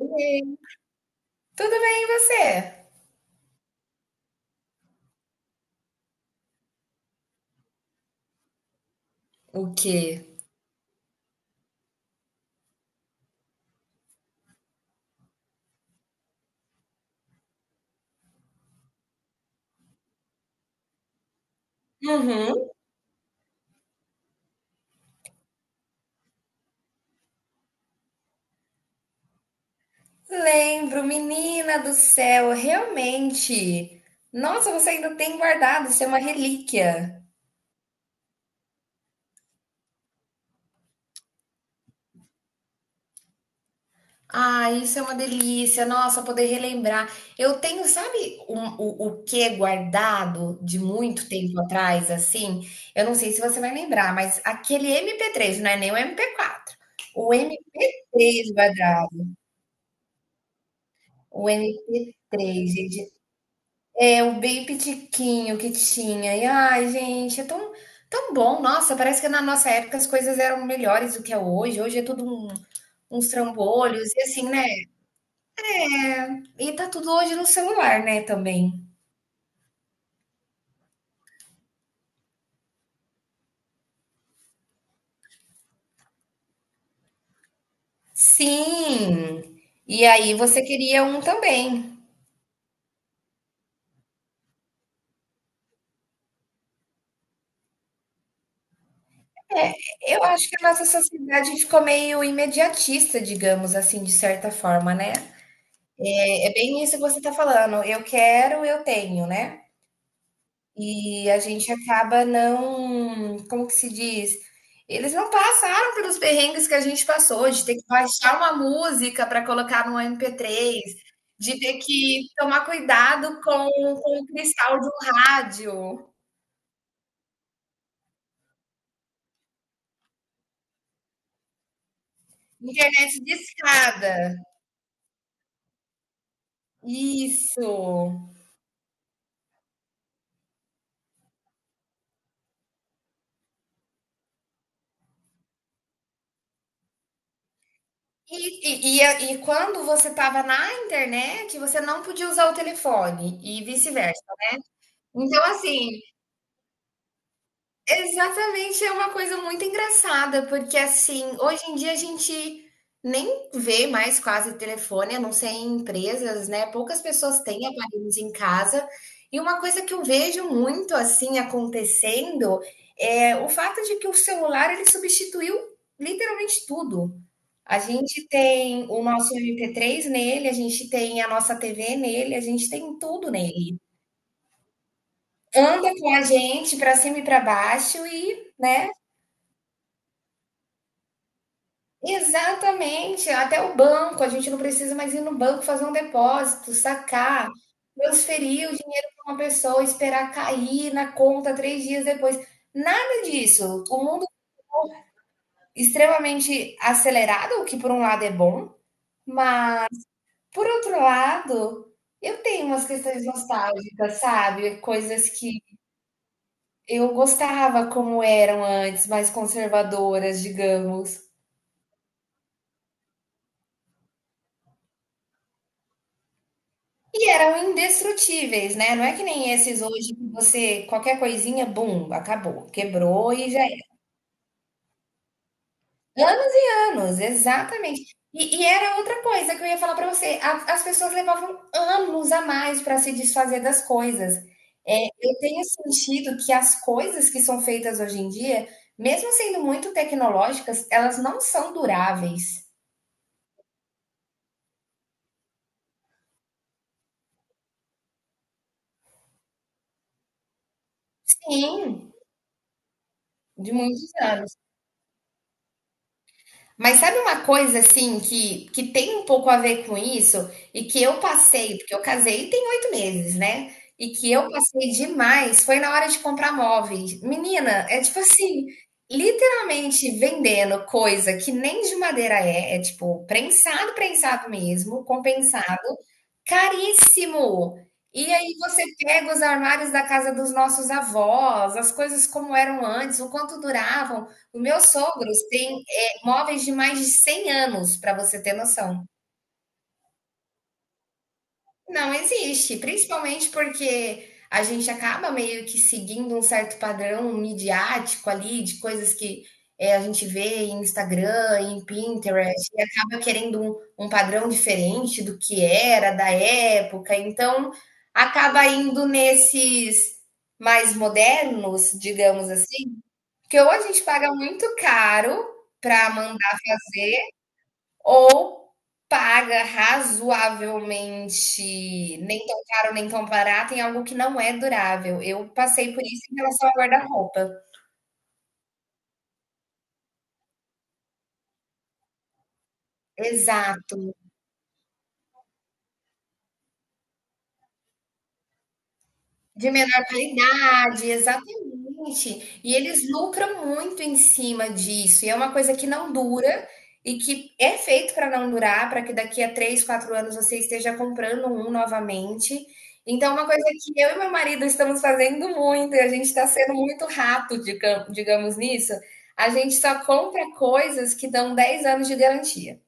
Oi. Tudo bem, e você? O quê? Uhum. Lembro, menina do céu, realmente. Nossa, você ainda tem guardado, isso é uma relíquia. Ah, isso é uma delícia. Nossa, poder relembrar. Eu tenho, sabe, o que é guardado de muito tempo atrás, assim? Eu não sei se você vai lembrar, mas aquele MP3, não é nem o MP4. O MP3 guardado. O MP3, gente. É, o bem pitiquinho que tinha. E ai, gente, é tão, tão bom. Nossa, parece que na nossa época as coisas eram melhores do que é hoje. Hoje é tudo uns trambolhos e assim, né? É, e tá tudo hoje no celular, né, também. Sim. E aí você queria um também. É, eu acho que a nossa sociedade ficou meio imediatista, digamos assim, de certa forma, né? É bem isso que você tá falando. Eu quero, eu tenho, né? E a gente acaba não, como que se diz? Eles não passaram pelos perrengues que a gente passou, de ter que baixar uma música para colocar no MP3, de ter que tomar cuidado com o cristal de um rádio, internet de. Isso. E, e, e, e quando você estava na internet, você não podia usar o telefone e vice-versa. Então, assim. Exatamente, é uma coisa muito engraçada, porque assim, hoje em dia a gente nem vê mais quase telefone, a não ser em empresas, né? Poucas pessoas têm aparelhos em casa. E uma coisa que eu vejo muito assim acontecendo é o fato de que o celular ele substituiu literalmente tudo. A gente tem o nosso MP3 nele, a gente tem a nossa TV nele, a gente tem tudo nele. Anda com a gente para cima e para baixo e, né? Exatamente, até o banco, a gente não precisa mais ir no banco fazer um depósito, sacar, transferir o dinheiro para uma pessoa, esperar cair na conta 3 dias depois. Nada disso. O mundo extremamente acelerado, o que por um lado é bom, mas por outro lado, eu tenho umas questões nostálgicas, sabe? Coisas que eu gostava como eram antes, mais conservadoras, digamos. E eram indestrutíveis, né? Não é que nem esses hoje que você, qualquer coisinha, bum, acabou, quebrou e já era. Anos e anos, exatamente. E era outra coisa que eu ia falar para você: as pessoas levavam anos a mais para se desfazer das coisas. É, eu tenho sentido que as coisas que são feitas hoje em dia, mesmo sendo muito tecnológicas, elas não são duráveis. Sim, de muitos anos. Mas sabe uma coisa assim que tem um pouco a ver com isso e que eu passei, porque eu casei tem 8 meses, né? E que eu passei demais foi na hora de comprar móveis. Menina, é tipo assim, literalmente vendendo coisa que nem de madeira é tipo prensado, prensado mesmo, compensado, caríssimo. E aí você pega os armários da casa dos nossos avós, as coisas como eram antes, o quanto duravam. Os meus sogros têm móveis de mais de 100 anos, para você ter noção. Não existe, principalmente porque a gente acaba meio que seguindo um certo padrão midiático ali, de coisas que, a gente vê em Instagram, em Pinterest, e acaba querendo um padrão diferente do que era, da época, então acaba indo nesses mais modernos, digamos assim, porque ou a gente paga muito caro para mandar fazer. Ou paga razoavelmente, nem tão caro, nem tão barato, em algo que não é durável. Eu passei por isso em relação a guarda-roupa. Exato. De menor qualidade, exatamente. E eles lucram muito em cima disso, e é uma coisa que não dura e que é feito para não durar, para que daqui a 3, 4 anos você esteja comprando um novamente. Então, é uma coisa que eu e meu marido estamos fazendo muito, e a gente está sendo muito rato, digamos nisso, a gente só compra coisas que dão 10 anos de garantia.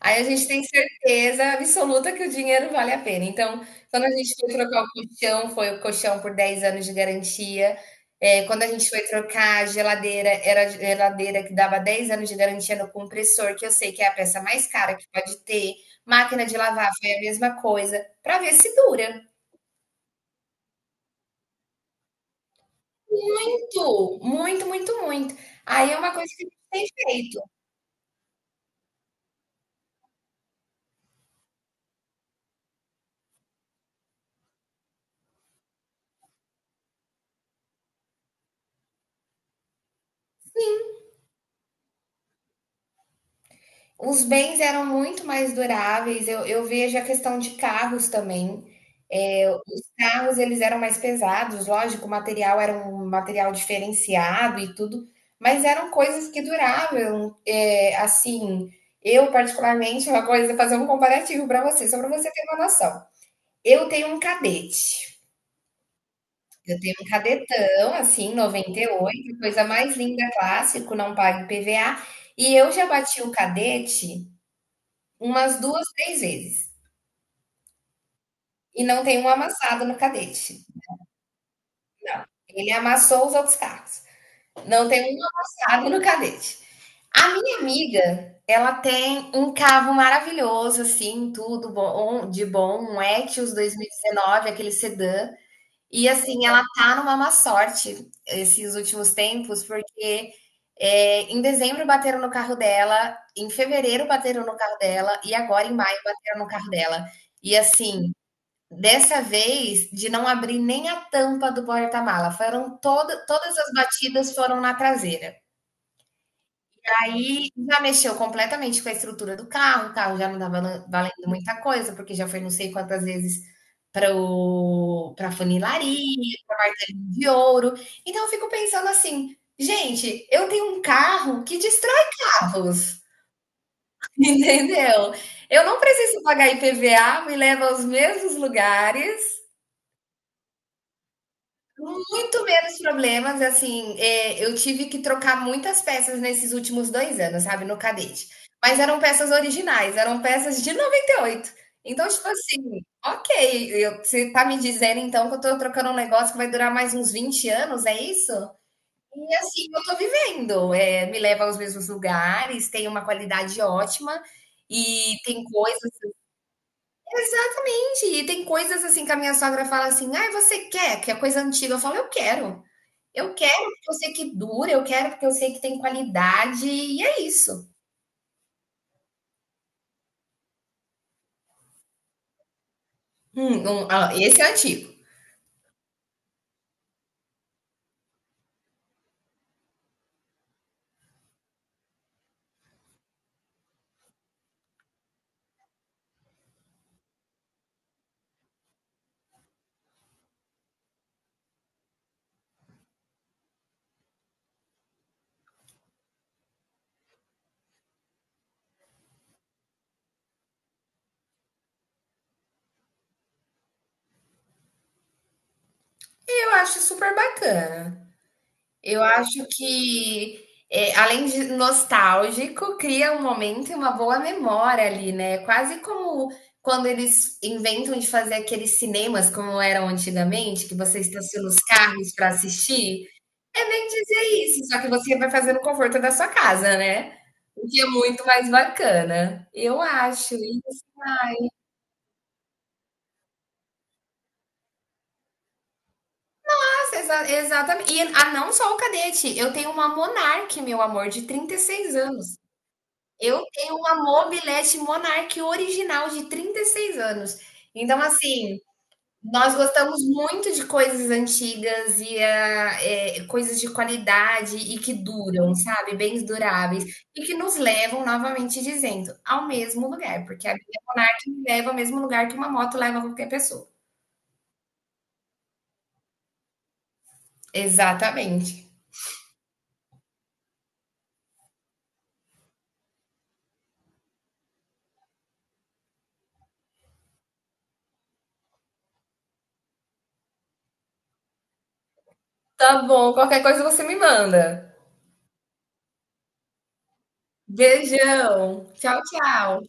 Aí a gente tem certeza absoluta que o dinheiro vale a pena. Então, quando a gente foi trocar o colchão, foi o colchão por 10 anos de garantia. Quando a gente foi trocar a geladeira, era a geladeira que dava 10 anos de garantia no compressor, que eu sei que é a peça mais cara que pode ter. Máquina de lavar foi a mesma coisa, para ver se dura. Muito, muito, muito, muito. Aí é uma coisa que a gente tem feito. Os bens eram muito mais duráveis. Eu vejo a questão de carros também. É, os carros eles eram mais pesados, lógico, o material era um material diferenciado e tudo, mas eram coisas que duravam. É, assim, eu particularmente uma coisa, fazer um comparativo para você, só para você ter uma noção. Eu tenho um cadete. Eu tenho um cadetão, assim, 98, coisa mais linda, clássico, não paga IPVA. E eu já bati o cadete umas 2, 3 vezes. E não tem um amassado no cadete. Ele amassou os outros carros. Não tem um amassado no cadete. A minha amiga, ela tem um carro maravilhoso, assim, tudo bom, de bom, um Etios 2019, aquele sedã. E assim, ela tá numa má sorte esses últimos tempos, porque em dezembro bateram no carro dela, em fevereiro bateram no carro dela, e agora em maio bateram no carro dela. E assim, dessa vez, de não abrir nem a tampa do porta-mala, foram toda todas as batidas foram na traseira. Aí já mexeu completamente com a estrutura do carro, o carro já não estava valendo muita coisa, porque já foi não sei quantas vezes para funilaria, de ouro. Então eu fico pensando assim, gente, eu tenho um carro que destrói carros, entendeu? Eu não preciso pagar IPVA, me leva aos mesmos lugares. Muito menos problemas, assim, eu tive que trocar muitas peças nesses últimos 2 anos, sabe, no cadete. Mas eram peças originais, eram peças de 98. Então, tipo assim, ok, você tá me dizendo então que eu tô trocando um negócio que vai durar mais uns 20 anos, é isso? E assim, eu tô vivendo, me leva aos mesmos lugares, tem uma qualidade ótima e tem coisas. Exatamente, e tem coisas assim que a minha sogra fala assim: ai, você quer? Que é coisa antiga. Eu falo, eu quero. Eu quero porque eu sei que dura, eu quero porque eu sei que tem qualidade, e é isso. Ah, esse é antigo. E eu acho super bacana. Eu acho que, além de nostálgico, cria um momento e uma boa memória ali, né? Quase como quando eles inventam de fazer aqueles cinemas como eram antigamente, que você estaciona os carros para assistir. É bem dizer isso, só que você vai fazer no conforto da sua casa, né? O que é muito mais bacana, eu acho. Exatamente. E ah, não só o cadete, eu tenho uma Monark, meu amor, de 36 anos. Eu tenho uma mobilete Monark original de 36 anos. Então, assim, nós gostamos muito de coisas antigas e ah, coisas de qualidade e que duram, sabe? Bens duráveis e que nos levam, novamente dizendo, ao mesmo lugar, porque a bike me leva ao mesmo lugar que uma moto leva qualquer pessoa. Exatamente. Tá bom, qualquer coisa você me manda. Beijão. Tchau, tchau.